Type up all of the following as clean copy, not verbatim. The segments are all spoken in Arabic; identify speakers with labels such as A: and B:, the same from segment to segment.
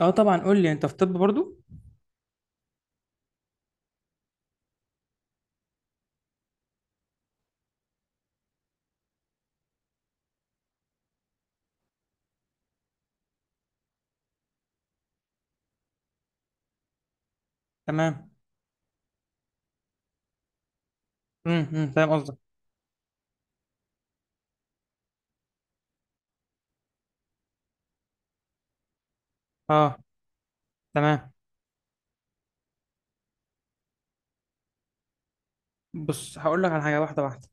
A: اه طبعا، قول لي انت في طب برضو. تمام. أمم، فاهم قصدك. اه. تمام. بص، هقول لك على حاجه واحده واحده.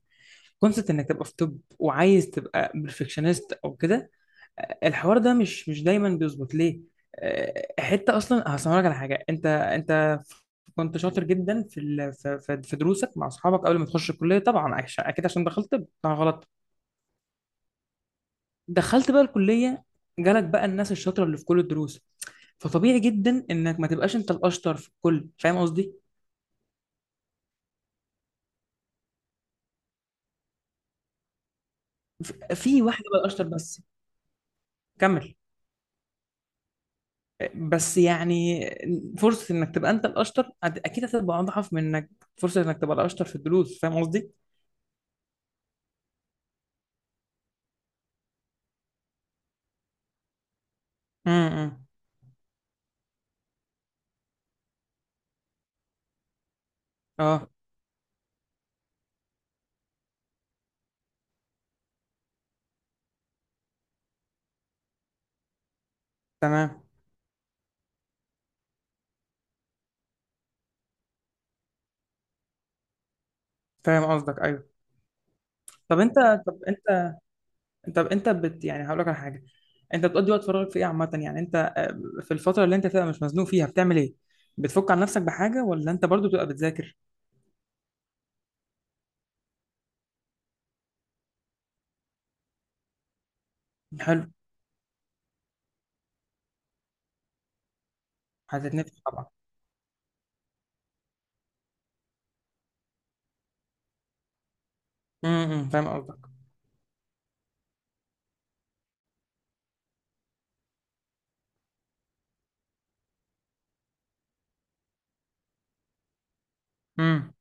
A: كونسبت انك تبقى في طب وعايز تبقى بيرفكشنست او كده، الحوار ده مش دايما بيظبط ليه. حته اصلا هسمع لك على حاجه. انت كنت شاطر جدا في ال... في في في دروسك مع اصحابك قبل ما تخش الكليه طبعا، اكيد عشان دخلت طب طبعا غلط. دخلت بقى الكليه. جالك بقى الناس الشاطره اللي في كل الدروس. فطبيعي جدا انك ما تبقاش انت الاشطر في الكل، فاهم قصدي؟ في واحدة بقى الأشطر بس. كمل. بس يعني فرصة إنك تبقى أنت الأشطر، أكيد هتبقى أضعف من إنك، فرصة إنك تبقى الأشطر في الدروس، فاهم قصدي؟ امم. أه. تمام. فاهم قصدك، أيوه. طب أنت طب أنت طب أنت، يعني هقول لك على حاجة. أنت بتقضي وقت فراغك في إيه عامة، يعني أنت في الفترة اللي أنت فيها مش مزنوق فيها بتعمل إيه؟ بتفك عن نفسك بحاجة ولا أنت برضو بتبقى بتذاكر؟ حلو. هتتنفس طبعا. فاهم قصدك. امم.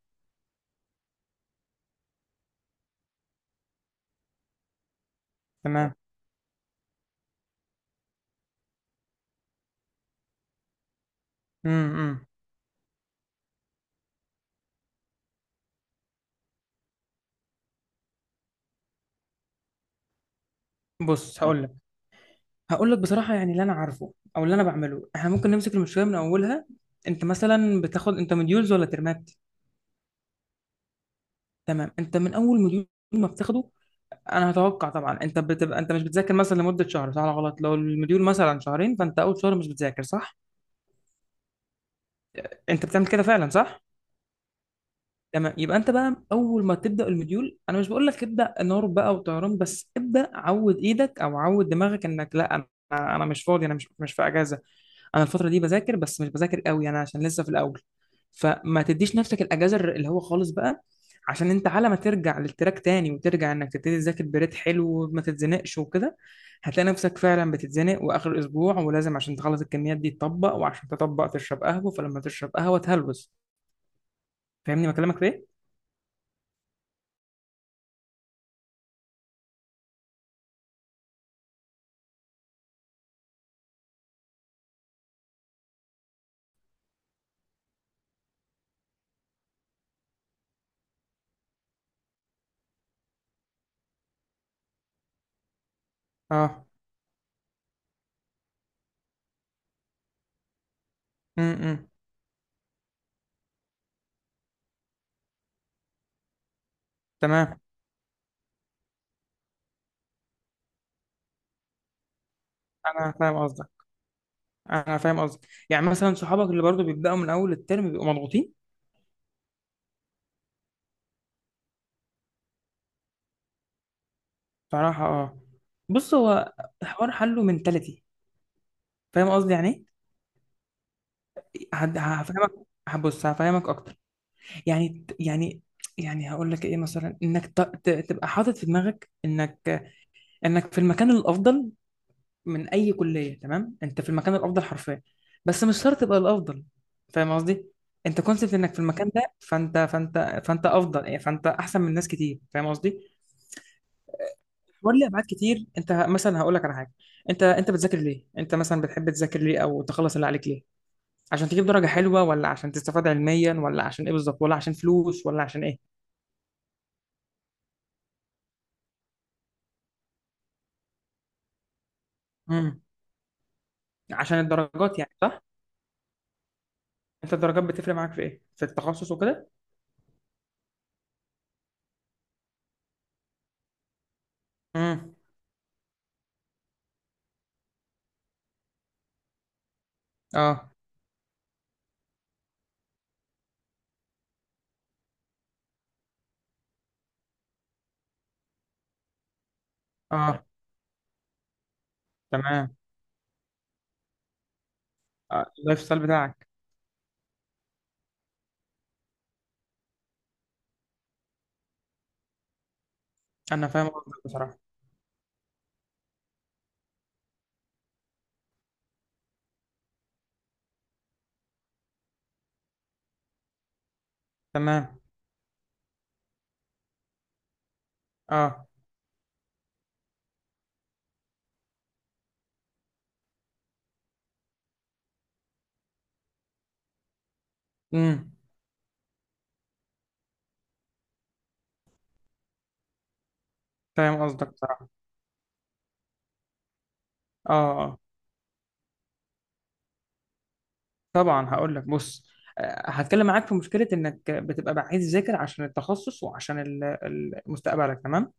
A: تمام. امم بص، هقول لك بصراحة، يعني اللي أنا عارفه أو اللي أنا بعمله إحنا ممكن نمسك المشكلة من أولها. أنت مثلا بتاخد أنت مديولز ولا ترمات؟ تمام. أنت من أول مديول ما بتاخده، أنا هتوقع طبعا أنت بتبقى أنت مش بتذاكر مثلا لمدة شهر، صح ولا غلط؟ لو المديول مثلا شهرين فأنت أول شهر مش بتذاكر، صح؟ أنت بتعمل كده فعلا، صح؟ تمام، يبقى أنت بقى أول ما تبدأ المديول أنا مش بقول لك ابدأ نار بقى وطيران، بس ابدأ عود إيدك أو عود دماغك إنك لا، أنا مش فاضي، أنا مش في أجازة. انا الفتره دي بذاكر، بس مش بذاكر قوي انا عشان لسه في الاول. فما تديش نفسك الاجازه اللي هو خالص بقى. عشان انت على ما ترجع للتراك تاني وترجع انك تبتدي تذاكر بريت حلو وما تتزنقش وكده. هتلاقي نفسك فعلا بتتزنق واخر اسبوع ولازم عشان تخلص الكميات دي تطبق، وعشان تطبق تشرب قهوه، فلما تشرب قهوه تهلوس. فاهمني بكلمك في ايه؟ اه. امم. تمام. انا فاهم قصدك. انا فاهم قصدك يعني مثلا صحابك اللي برضو بيبداوا من اول الترم بيبقوا مضغوطين. صراحة اه. بص، هو الحوار حله منتاليتي. فاهم قصدي يعني ايه؟ هفهمك. هبص هفهمك اكتر. يعني يعني يعني هقول لك ايه، مثلا انك تبقى حاطط في دماغك انك في المكان الافضل من اي كلية. تمام، انت في المكان الافضل حرفيا، بس مش شرط تبقى الافضل، فاهم قصدي. انت كونسبت انك في المكان ده، فانت افضل يعني، فانت احسن من ناس كتير، فاهم قصدي. ولي ابعاد كتير. انت مثلا هقول لك على حاجه، انت بتذاكر ليه؟ انت مثلا بتحب تذاكر ليه او تخلص اللي عليك ليه؟ عشان تجيب درجه حلوه ولا عشان تستفاد علميا ولا عشان ايه بالظبط، ولا عشان فلوس ولا عشان ايه؟ امم. عشان الدرجات يعني، صح؟ انت الدرجات بتفرق معاك في ايه، في التخصص وكده؟ امم. اه اه. تمام. اللايف ستايل بتاعك. انا فاهم قصدك بصراحه. تمام. اه. امم فاهم قصدك بصراحه. اه طبعا، هقول لك، بص، هتكلم معاك في مشكله انك بتبقى عايز تذاكر عشان التخصص وعشان مستقبلك، تمام.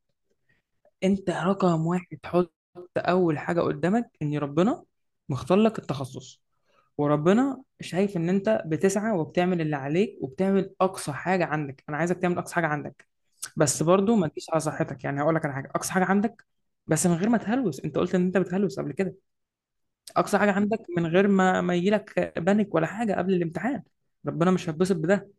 A: انت رقم واحد. حط اول حاجه قدامك ان ربنا مختار لك التخصص. وربنا شايف ان انت بتسعى وبتعمل اللي عليك وبتعمل اقصى حاجه عندك، انا عايزك تعمل اقصى حاجه عندك. بس برضو ما تجيش على صحتك، يعني هقول لك على حاجه، اقصى حاجه عندك بس من غير ما تهلوس. انت قلت ان انت بتهلوس قبل كده. اقصى حاجه عندك من غير ما يجيلك بانيك ولا حاجه قبل الامتحان. ربنا مش هيتبسط بده،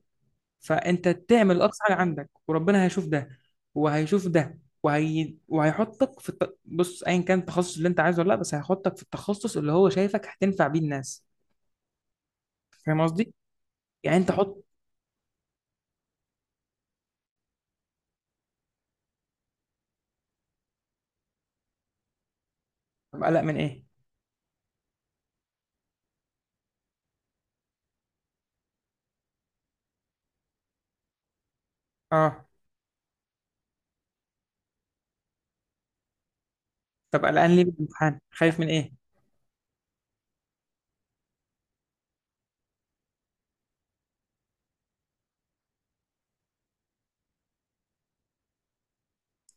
A: فانت تعمل اقصى حاجه عندك وربنا هيشوف ده وهيشوف ده، بص، ايا كان التخصص اللي انت عايزه ولا لا، بس هيحطك في التخصص اللي هو شايفك هتنفع بيه الناس. فاهم قصدي. يعني انت حط. طب قلق من ايه؟ اه. طب قلقان ليه من الامتحان، خايف من ايه؟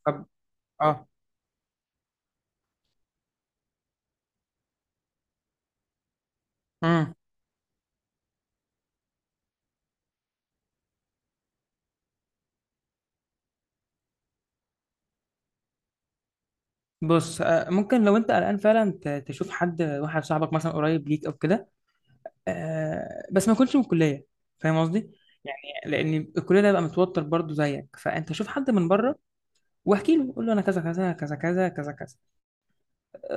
A: طب. اه. امم. بص، ممكن لو انت قلقان فعلا تشوف حد واحد صاحبك مثلا قريب ليك او كده. بس ما كنتش من الكليه. فاهم قصدي. يعني لان الكليه ده بقى متوتر برضو زيك، فانت شوف حد من بره. واحكي له، قول له انا كذا كذا كذا كذا كذا كذا.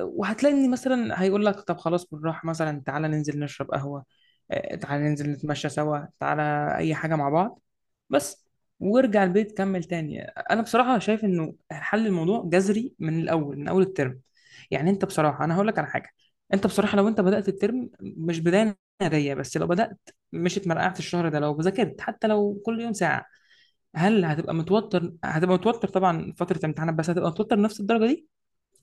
A: وهتلاقي ان مثلا هيقول لك طب خلاص بالراحه، مثلا تعالى ننزل نشرب قهوه، تعالى ننزل نتمشى سوا، تعالى اي حاجه مع بعض بس. وارجع البيت كمل تاني. انا بصراحه شايف انه حل الموضوع جذري من الاول، من اول الترم. يعني انت بصراحه انا هقول لك على حاجه، انت بصراحه لو انت بدات الترم مش بدايه ناريه، بس لو بدات، مش اتمرقعت الشهر ده، لو ذاكرت حتى لو كل يوم ساعه، هل هتبقى متوتر؟ هتبقى متوتر طبعا فتره امتحانات، بس هتبقى متوتر نفس الدرجه دي؟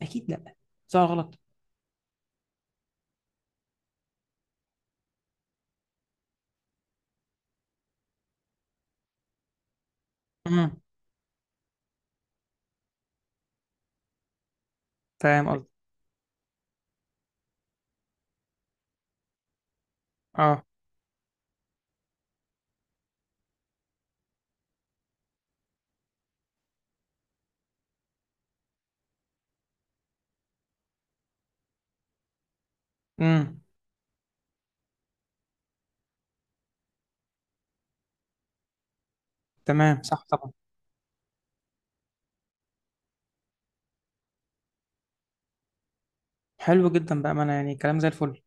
A: اكيد لا. صح ولا غلط؟ امم فاهم قصدي. اه. امم تمام، صح طبعا. حلو جدا بقى، ما انا يعني كلام زي الفل.